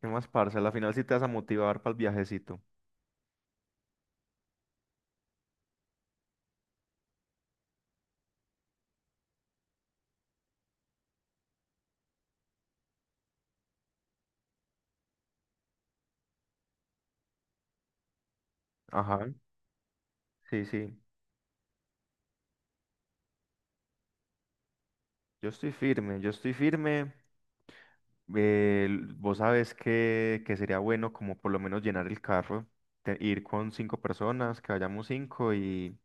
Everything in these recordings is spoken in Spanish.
¿Qué más, parce? A la final sí te vas a motivar para el viajecito. Ajá, sí, sí. Yo estoy firme, yo estoy firme. Vos sabes que sería bueno como por lo menos llenar el carro, ir con cinco personas, que vayamos cinco y,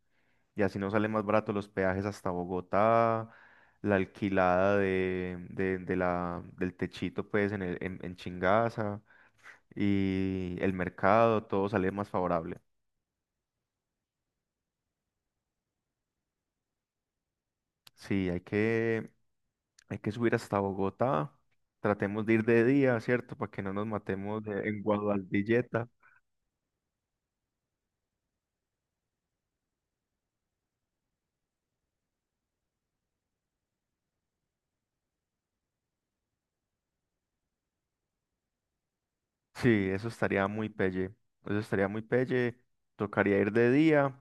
y así nos sale más barato los peajes hasta Bogotá, la alquilada del techito pues en Chingaza y el mercado, todo sale más favorable. Sí, hay que, Hay que subir hasta Bogotá. Tratemos de ir de día, ¿cierto? Para que no nos matemos en Guadalvilleta. Sí, eso estaría muy pelle. Eso estaría muy pelle. Tocaría ir de día.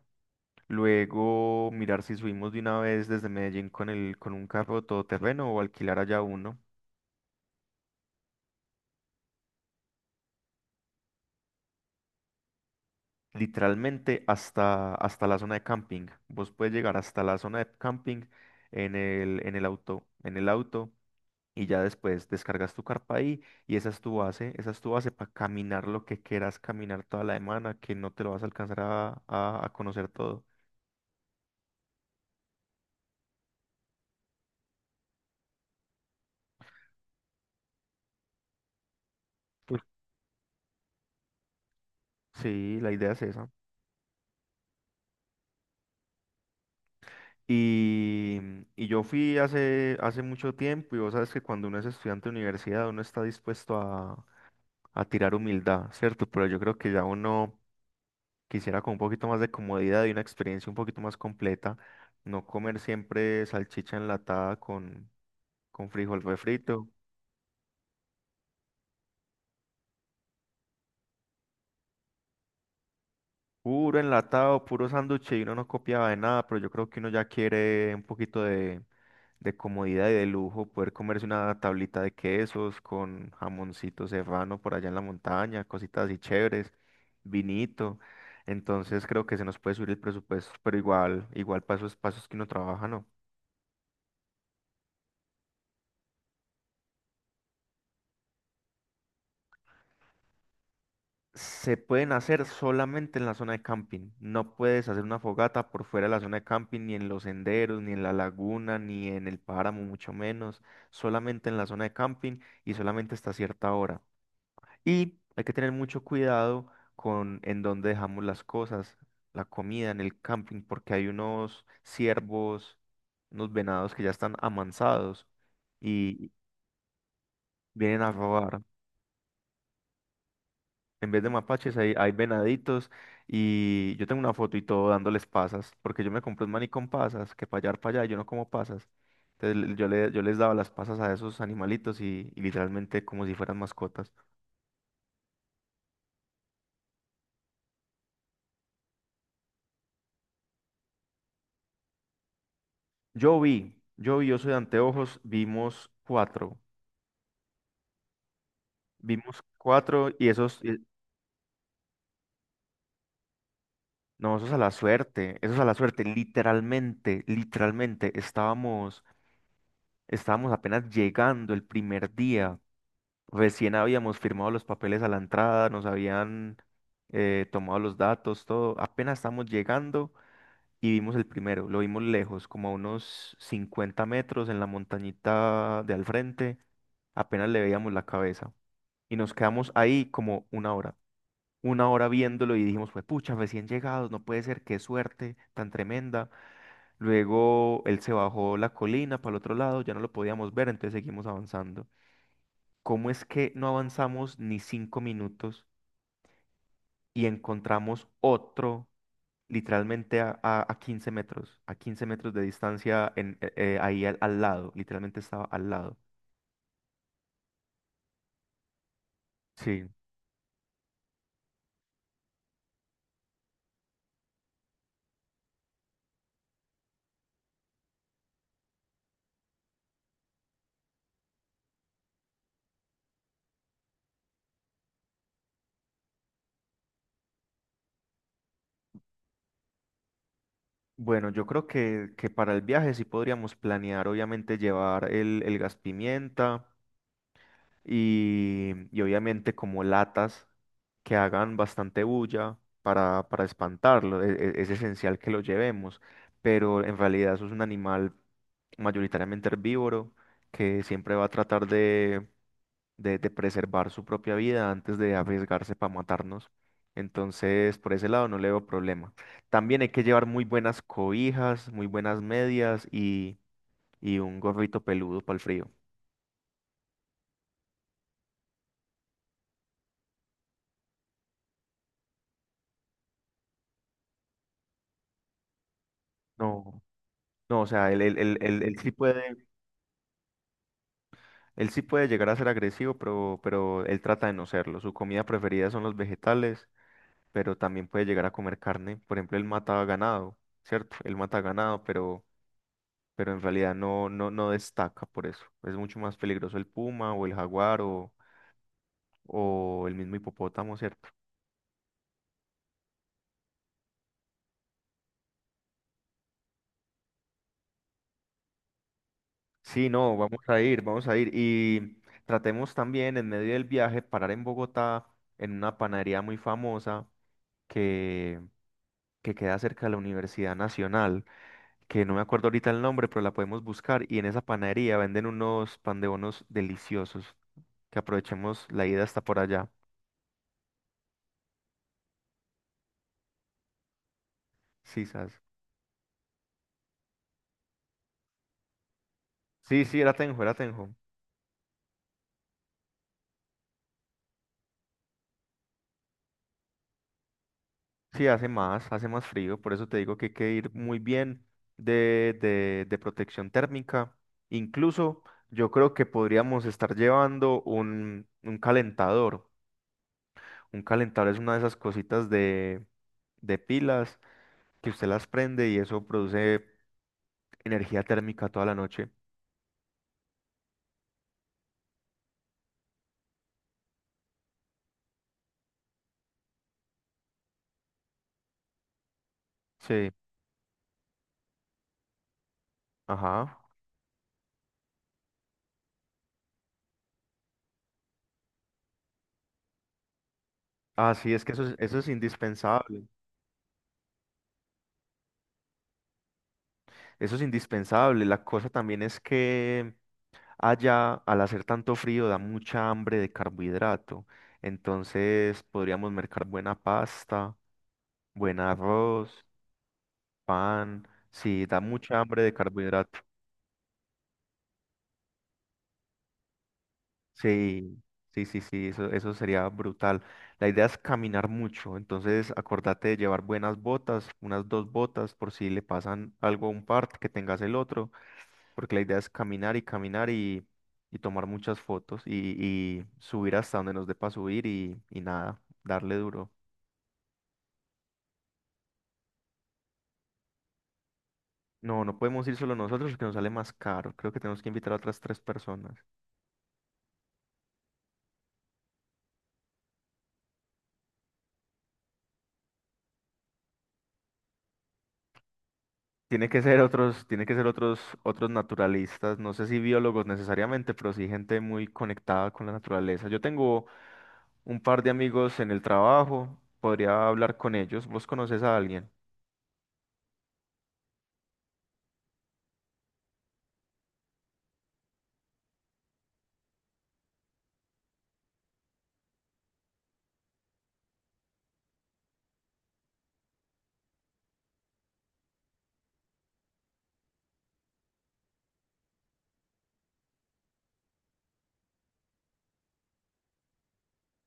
Luego mirar si subimos de una vez desde Medellín con el, con un carro todoterreno o alquilar allá uno. Literalmente hasta la zona de camping. Vos puedes llegar hasta la zona de camping en el auto. En el auto. Y ya después descargas tu carpa ahí y esa es tu base, esa es tu base para caminar lo que quieras caminar toda la semana, que no te lo vas a alcanzar a conocer todo. Pues sí, la idea es esa. Y yo fui hace mucho tiempo y vos sabes que cuando uno es estudiante de universidad uno está dispuesto a tirar humildad, ¿cierto? Pero yo creo que ya uno quisiera con un poquito más de comodidad y una experiencia un poquito más completa, no comer siempre salchicha enlatada con frijol refrito. Puro enlatado, puro sándwich y uno no copiaba de nada, pero yo creo que uno ya quiere un poquito de comodidad y de lujo, poder comerse una tablita de quesos con jamoncito serrano por allá en la montaña, cositas así chéveres, vinito. Entonces creo que se nos puede subir el presupuesto, pero igual, igual pasos, pasos que uno trabaja, ¿no? Se pueden hacer solamente en la zona de camping. No puedes hacer una fogata por fuera de la zona de camping, ni en los senderos, ni en la laguna, ni en el páramo, mucho menos. Solamente en la zona de camping y solamente hasta cierta hora. Y hay que tener mucho cuidado con en dónde dejamos las cosas, la comida en el camping, porque hay unos ciervos, unos venados que ya están amansados y vienen a robar. En vez de mapaches hay venaditos. Y yo tengo una foto y todo dándoles pasas, porque yo me compré un maní con pasas, que para allá, yo no como pasas. Entonces yo les daba las pasas a esos animalitos y literalmente como si fueran mascotas. Yo vi, yo soy de anteojos, vimos cuatro y esos, no, esos a la suerte, esos a la suerte, literalmente, literalmente, estábamos apenas llegando el primer día. Recién habíamos firmado los papeles a la entrada, nos habían tomado los datos, todo. Apenas estamos llegando y vimos el primero. Lo vimos lejos, como a unos 50 metros en la montañita de al frente. Apenas le veíamos la cabeza. Y nos quedamos ahí como una hora. Una hora viéndolo y dijimos, pues pucha, recién llegados, no puede ser, qué suerte tan tremenda. Luego él se bajó la colina para el otro lado, ya no lo podíamos ver, entonces seguimos avanzando. ¿Cómo es que no avanzamos ni 5 minutos y encontramos otro literalmente a 15 metros, a 15 metros de distancia ahí al lado? Literalmente estaba al lado. Sí. Bueno, yo creo que para el viaje sí podríamos planear, obviamente, llevar el gas pimienta y obviamente como latas que hagan bastante bulla para espantarlo. Es esencial que lo llevemos, pero en realidad eso es un animal mayoritariamente herbívoro, que siempre va a tratar de preservar su propia vida antes de arriesgarse para matarnos. Entonces, por ese lado no le veo problema. También hay que llevar muy buenas cobijas, muy buenas medias y un gorrito peludo para el frío. No, no, o sea, él sí puede, él sí puede, llegar a ser agresivo, pero él trata de no serlo. Su comida preferida son los vegetales, pero también puede llegar a comer carne. Por ejemplo, él mata ganado, ¿cierto? Él mata ganado, pero en realidad no destaca por eso. Es mucho más peligroso el puma o el jaguar o el mismo hipopótamo, ¿cierto? Sí, no, vamos a ir, vamos a ir. Y tratemos también en medio del viaje parar en Bogotá, en una panadería muy famosa que, que queda cerca de la Universidad Nacional, que no me acuerdo ahorita el nombre, pero la podemos buscar. Y en esa panadería venden unos pan de bonos deliciosos. Que aprovechemos la ida hasta por allá. Sí, ¿sabes? Sí, sí, era Tenjo, era Tenjo. Sí, hace más frío, por eso te digo que hay que ir muy bien de protección térmica. Incluso yo creo que podríamos estar llevando un calentador. Un calentador es una de esas cositas de pilas que usted las prende y eso produce energía térmica toda la noche. Sí, ajá. Ah, sí, es que eso es indispensable. Eso es indispensable. La cosa también es que allá, al hacer tanto frío, da mucha hambre de carbohidrato. Entonces podríamos mercar buena pasta, buen arroz, pan. Sí, da mucha hambre de carbohidrato. Sí, sí, sí, sí, eso sería brutal. La idea es caminar mucho. Entonces acordate de llevar buenas botas, unas dos botas, por si le pasan algo a un part que tengas el otro. Porque la idea es caminar y caminar y tomar muchas fotos y subir hasta donde nos dé para subir y nada, darle duro. No, no podemos ir solo nosotros porque nos sale más caro. Creo que tenemos que invitar a otras tres personas. Tiene que ser otros, otros naturalistas, no sé si biólogos necesariamente, pero sí gente muy conectada con la naturaleza. Yo tengo un par de amigos en el trabajo, podría hablar con ellos. ¿Vos conoces a alguien?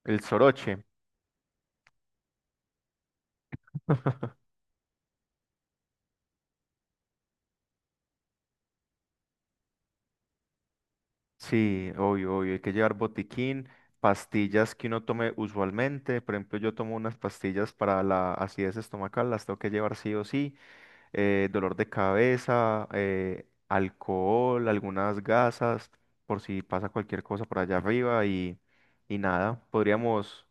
El soroche. Sí, obvio, obvio. Hay que llevar botiquín, pastillas que uno tome usualmente. Por ejemplo, yo tomo unas pastillas para la acidez estomacal, las tengo que llevar sí o sí. Dolor de cabeza, alcohol, algunas gasas, por si pasa cualquier cosa por allá arriba y nada. Podríamos,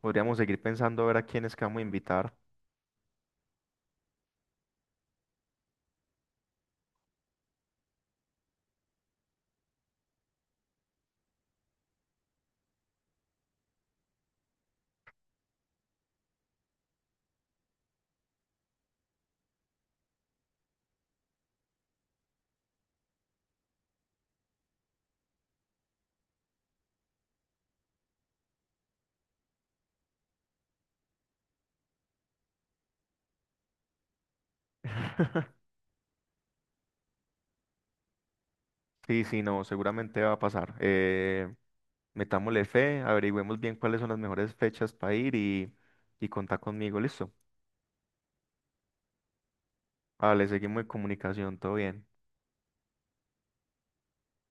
podríamos seguir pensando a ver a quiénes que vamos a invitar. Sí, sí, no, seguramente va a pasar. Metámosle fe, averigüemos bien cuáles son las mejores fechas para ir y contá conmigo, listo. Vale, seguimos en comunicación, todo bien.